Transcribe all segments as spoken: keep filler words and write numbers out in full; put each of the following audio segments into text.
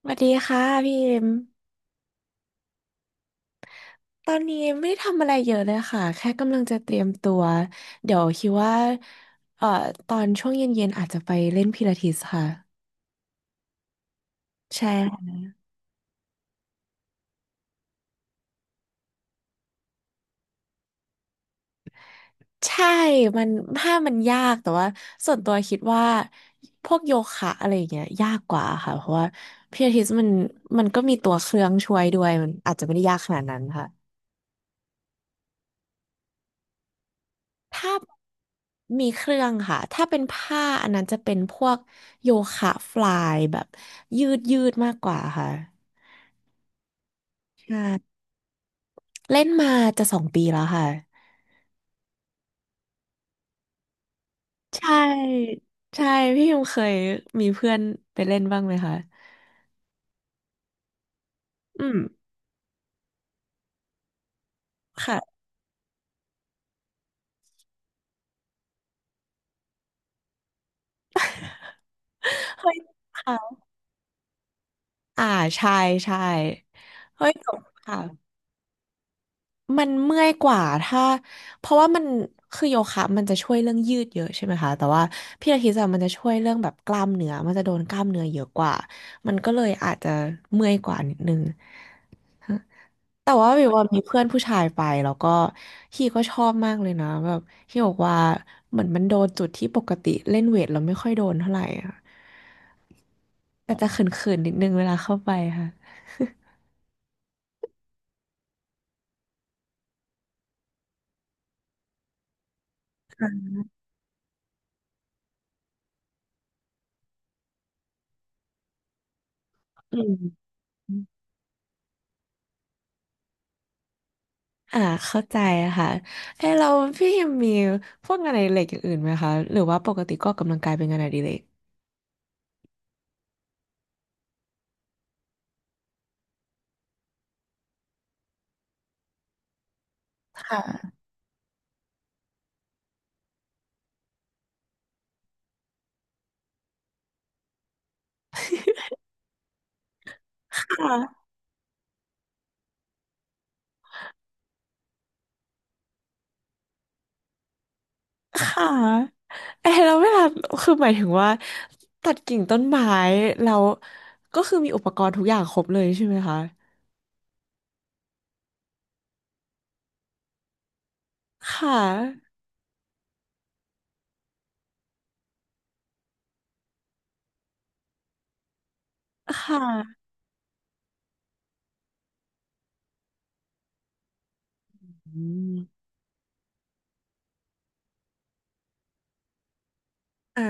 สวัสดีค่ะพี่เอ็มตอนนี้ไม่ได้ทำอะไรเยอะเลยค่ะแค่กำลังจะเตรียมตัวเดี๋ยวคิดว่าเอ่อตอนช่วงเย็นๆอาจจะไปเล่นพิลาทิสค่ะใช่ใช่มันถ้ามันยากแต่ว่าส่วนตัวคิดว่าพวกโยคะอะไรอย่างเงี้ยยากกว่าค่ะเพราะว่าพิลาทิสมันมันก็มีตัวเครื่องช่วยด้วยมันอาจจะไม่ได้ยากขนาดนั้นค่ะ ถ้ามีเครื่องค่ะ ถ้าเป็นผ้าอันนั้นจะเป็นพวกโยคะฟลายแบบยืดยืดมากกว่าค่ะใช่เล่นมาจะสองปีแล้วค่ะ ใช่ ใช่พี่ยงเคยมีเพื่อนไปเล่นบ้างไหมคะอืม ค่ะเฮ้ยค่ะอ่าใช่ ใช่ เฮ้ยจบค่ะ มันเมื่อยกว่าถ้าเพราะว่ามันคือโยคะมันจะช่วยเรื่องยืดเยอะใช่ไหมคะแต่ว่าพิลาทิสอะมันจะช่วยเรื่องแบบกล้ามเนื้อมันจะโดนกล้ามเนื้อเยอะกว่ามันก็เลยอาจจะเมื่อยกว่านิดนึงแต่ว่าวิวว่ามีเพื่อนผู้ชายไปแล้วก็ฮีก็ชอบมากเลยนะแบบฮีบอกว่าเหมือนมันโดนจุดที่ปกติเล่นเวทเราไม่ค่อยโดนเท่าไหร่อะแต่จะเขินๆนิดนึงเวลาเข้าไปค่ะอืม อ่าเข้าใจค่ะเอ้ยเราพี่ยังมีพวกงานอดิเรกอย่างอื่นไหมคะหรือว่าปกติก็ออกกำลังกายเป็นงานอดิเรกค่ะค่ะค่ะเออแล้วเวลาคือหมายถึงว่าตัดกิ่งต้นไม้เราก็คือมีอุปกรณ์ทุกอย่างครบเลยใช่ไหมคะค่ะค่ะอืมอ่า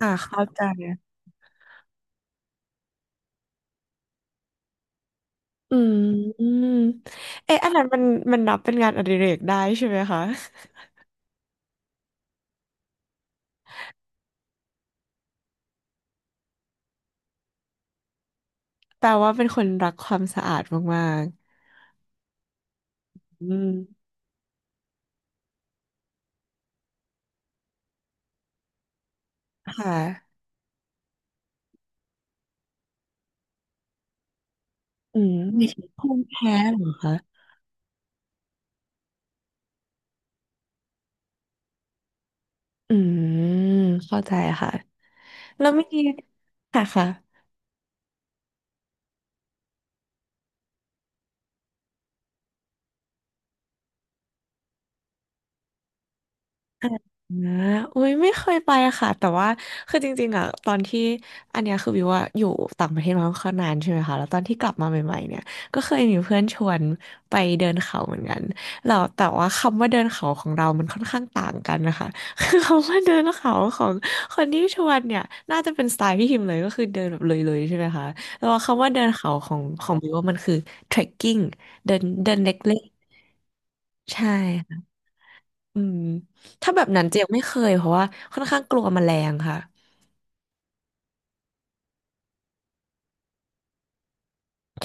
อ่าเข้าใจอืมอืมเอ๊ะอันนั้นมันมันนับเป็นงานอดิเรกได้ใช่ไหมคะแปลว่าเป็นคนรักความสะอาดมาก อืม ค่ะ อืม มีช่ภูมิแพ้เหรอคะอืม เข้าใจค่ะ แล้วเมื่อกี้ค่ะค่ะ นะอุ้ยไม่เคยไปอะค่ะแต่ว่าคือจริงๆอ่ะตอนที่อันเนี้ยคือวิวว่าอยู่ต่างประเทศมาค่อนข้างนานใช่ไหมคะแล้วตอนที่กลับมาใหม่ๆเนี่ยก็เคยมีเพื่อนชวนไปเดินเขาเหมือนกันแล้วแต่ว่าคำว่าเดินเขาของเรามันค่อนข้างต่างกันนะคะ คือคำว่าเดินเขาของคนที่ชวนเนี่ยน่าจะเป็นสไตล์พี่ฮิมพ์เลยก็คือเดินแบบเลยๆใช่ไหมคะแต่ว่าคำว่าเดินเขาของของวิวว่ามันคือ เทรคกิ้ง เดินเดินเล็กๆใช่ อืมถ้าแบบนั้นเจียงไม่เคยเพราะว่าค่อนข้างกลัวแมลงค่ะ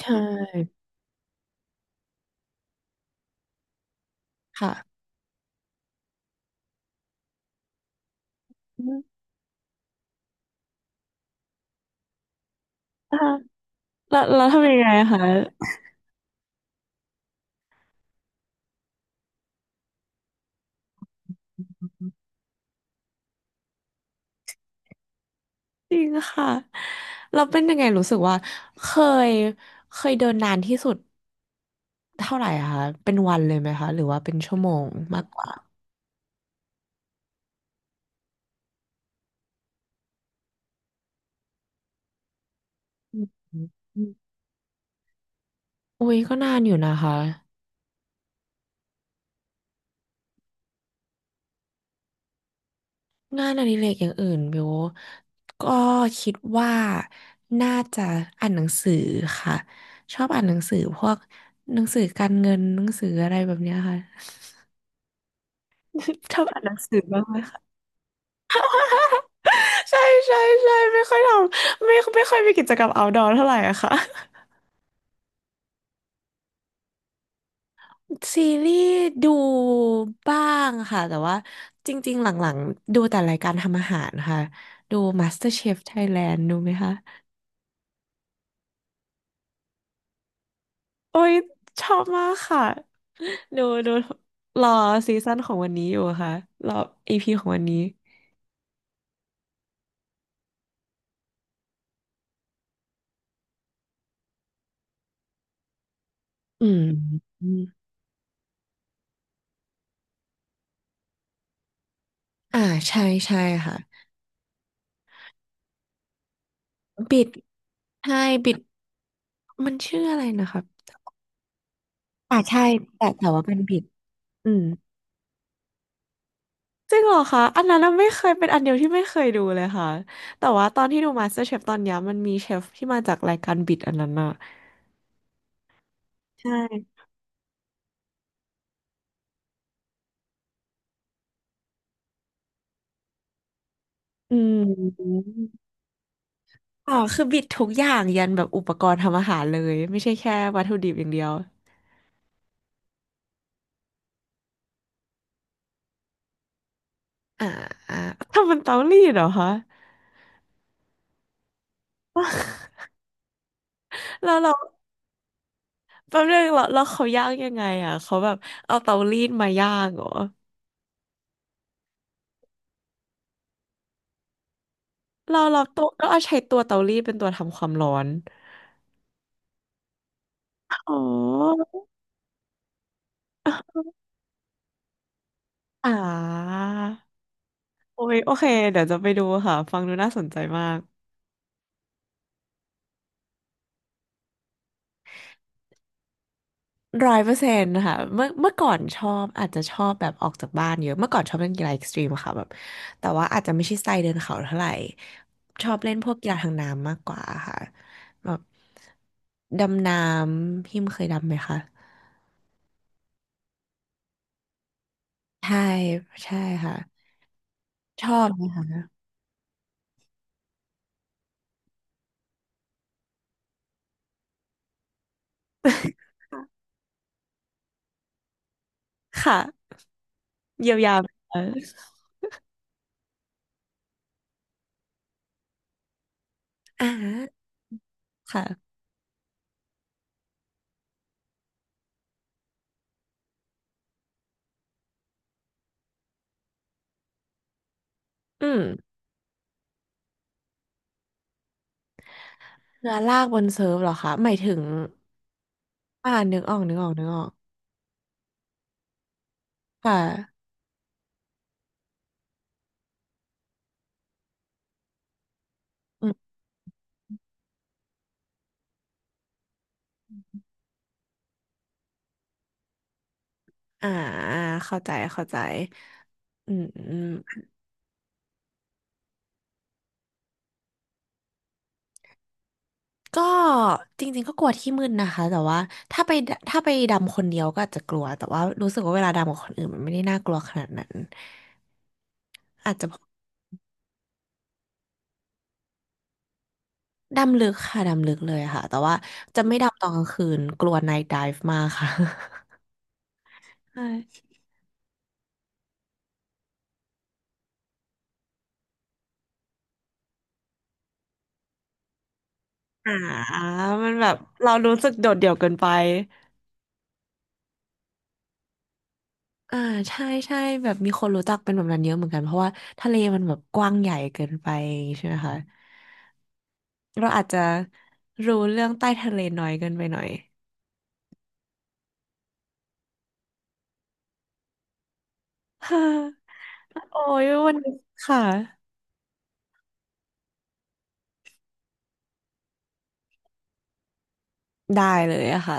ใช่ค่ะอืมอ่ะแล้วแล้วทำยังไงคะจริงค่ะเราเป็นยังไงรู้สึกว่าเคยเคยเดินนานที่สุดเท่าไหร่อะคะเป็นวันเลยไหมคะหรือว่าเป็นชั่วโมงมากกว่าอืมอุ้ยก็นานอยู่นะคะ งานอดิเรกอย่างอื่นบิวก็คิดว่าน่าจะอ่านหนังสือค่ะชอบอ่านหนังสือพวกหนังสือการเงินหนังสืออะไรแบบเนี้ยค่ะ ชอบอ่านหนังสือบ้างไหมคะใช่ใช่ใช่ไม่ค่อยทำไม่ไม่ค่อยมีกิจกรรม เอาท์ดอร์ เท่าไหร่อะค่ะ ซีรีส์ดูบ้างค่ะแต่ว่าจริงๆหลังๆดูแต่รายการทำอาหารค่ะดู มาสเตอร์เชฟไทยแลนด์ ดูไหมคะ โอ้ยชอบมากค่ะดูดูรอซีซั่นของวันนี้อยู่ค่ะรออีพีของวันนี้อืมอมอ่าใช่ใช่ค่ะบิดใช่บิดมันชื่ออะไรนะครับอ่าใช่แต่แต่ว่ามันบิดอืมจริงเหรอคะอันนั้นน่ะไม่เคยเป็นอันเดียวที่ไม่เคยดูเลยค่ะแต่ว่าตอนที่ดู MasterChef ตอนเนี้ยมันมีเชฟที่มาจากรายการบิดอันนั้นอะใช่อืม อ๋อคือบิดทุกอย่างยันแบบอุปกรณ์ทำอาหารเลยไม่ใช่แค่วัตถุดิบอย่างเดียว อ่าอ่าทำเป็นเตารีดเหรอคะแล้วเราแป๊บนึงเราเราเขาย่างยังไงอ่ะเขาแบบเอาเตารีดมาย่างเหรอเราเราตัวก็เอาใช้ตัวเตารีดเป็นตัวทำความร้อนอ๋อ อ่าโอ้ยโอเคเดี๋ยวจะไปดูค่ะฟังดูน่าสนใจมาก ร้อยเปอร์เซ็นต์ค่ะเมื่อเมื่อก่อนชอบอาจจะชอบแบบออกจากบ้านเยอะเมื่อก่อนชอบเล่นกีฬาเอ็กซ์ตรีมค่ะแบบแต่ว่าอาจจะไม่ใช่สไตล์เดินเขาเท่าไหร่ชอบเล่นพวกกีฬาทางน้ำมากกว่าค่ะแบบดำน้ำพิมเคยดำไหมคะใช่ใช่ค่ะชอบค่ะเยียวยาเอออ่าค่ะอืมเรือลากบนเซิร์ฟเหรอคะหมายถึงอ่านึกออกนึกออกนึกออกค่ะ อ่าเข้าใจเข้าใจอืมอืมก็จริงๆก็กลัวที่มืดนะคะแต่ว่าถ้าไปดถ้าไปดำคนเดียวก็อาจจะกลัวแต่ว่ารู้สึกว่าเวลาดำกับคนอื่นมันไม่ได้น่ากลัวขนาดนั้นอาจจะดำลึกค่ะดำลึกเลยค่ะแต่ว่าจะไม่ดำตอนกลางคืนกลัว ไนท์ไดฟ์ มากค่ะใช่อ่ามันแบบเรารู้สึกโดดเดี่ยวเกินไปอ่าใช่ใช่แบบมีคนรู้จักเป็นแบบนั้นเยอะเหมือนกันเพราะว่าทะเลมันแบบกว้างใหญ่เกินไปอย่างงี้ใช่ไหมคะ เราอาจจะรู้เรื่องใต้ทะเลน้อยเกินไปหน่อย ฮ่าโอ้ยวันนี้ค่ะ ได้เลยอะค่ะ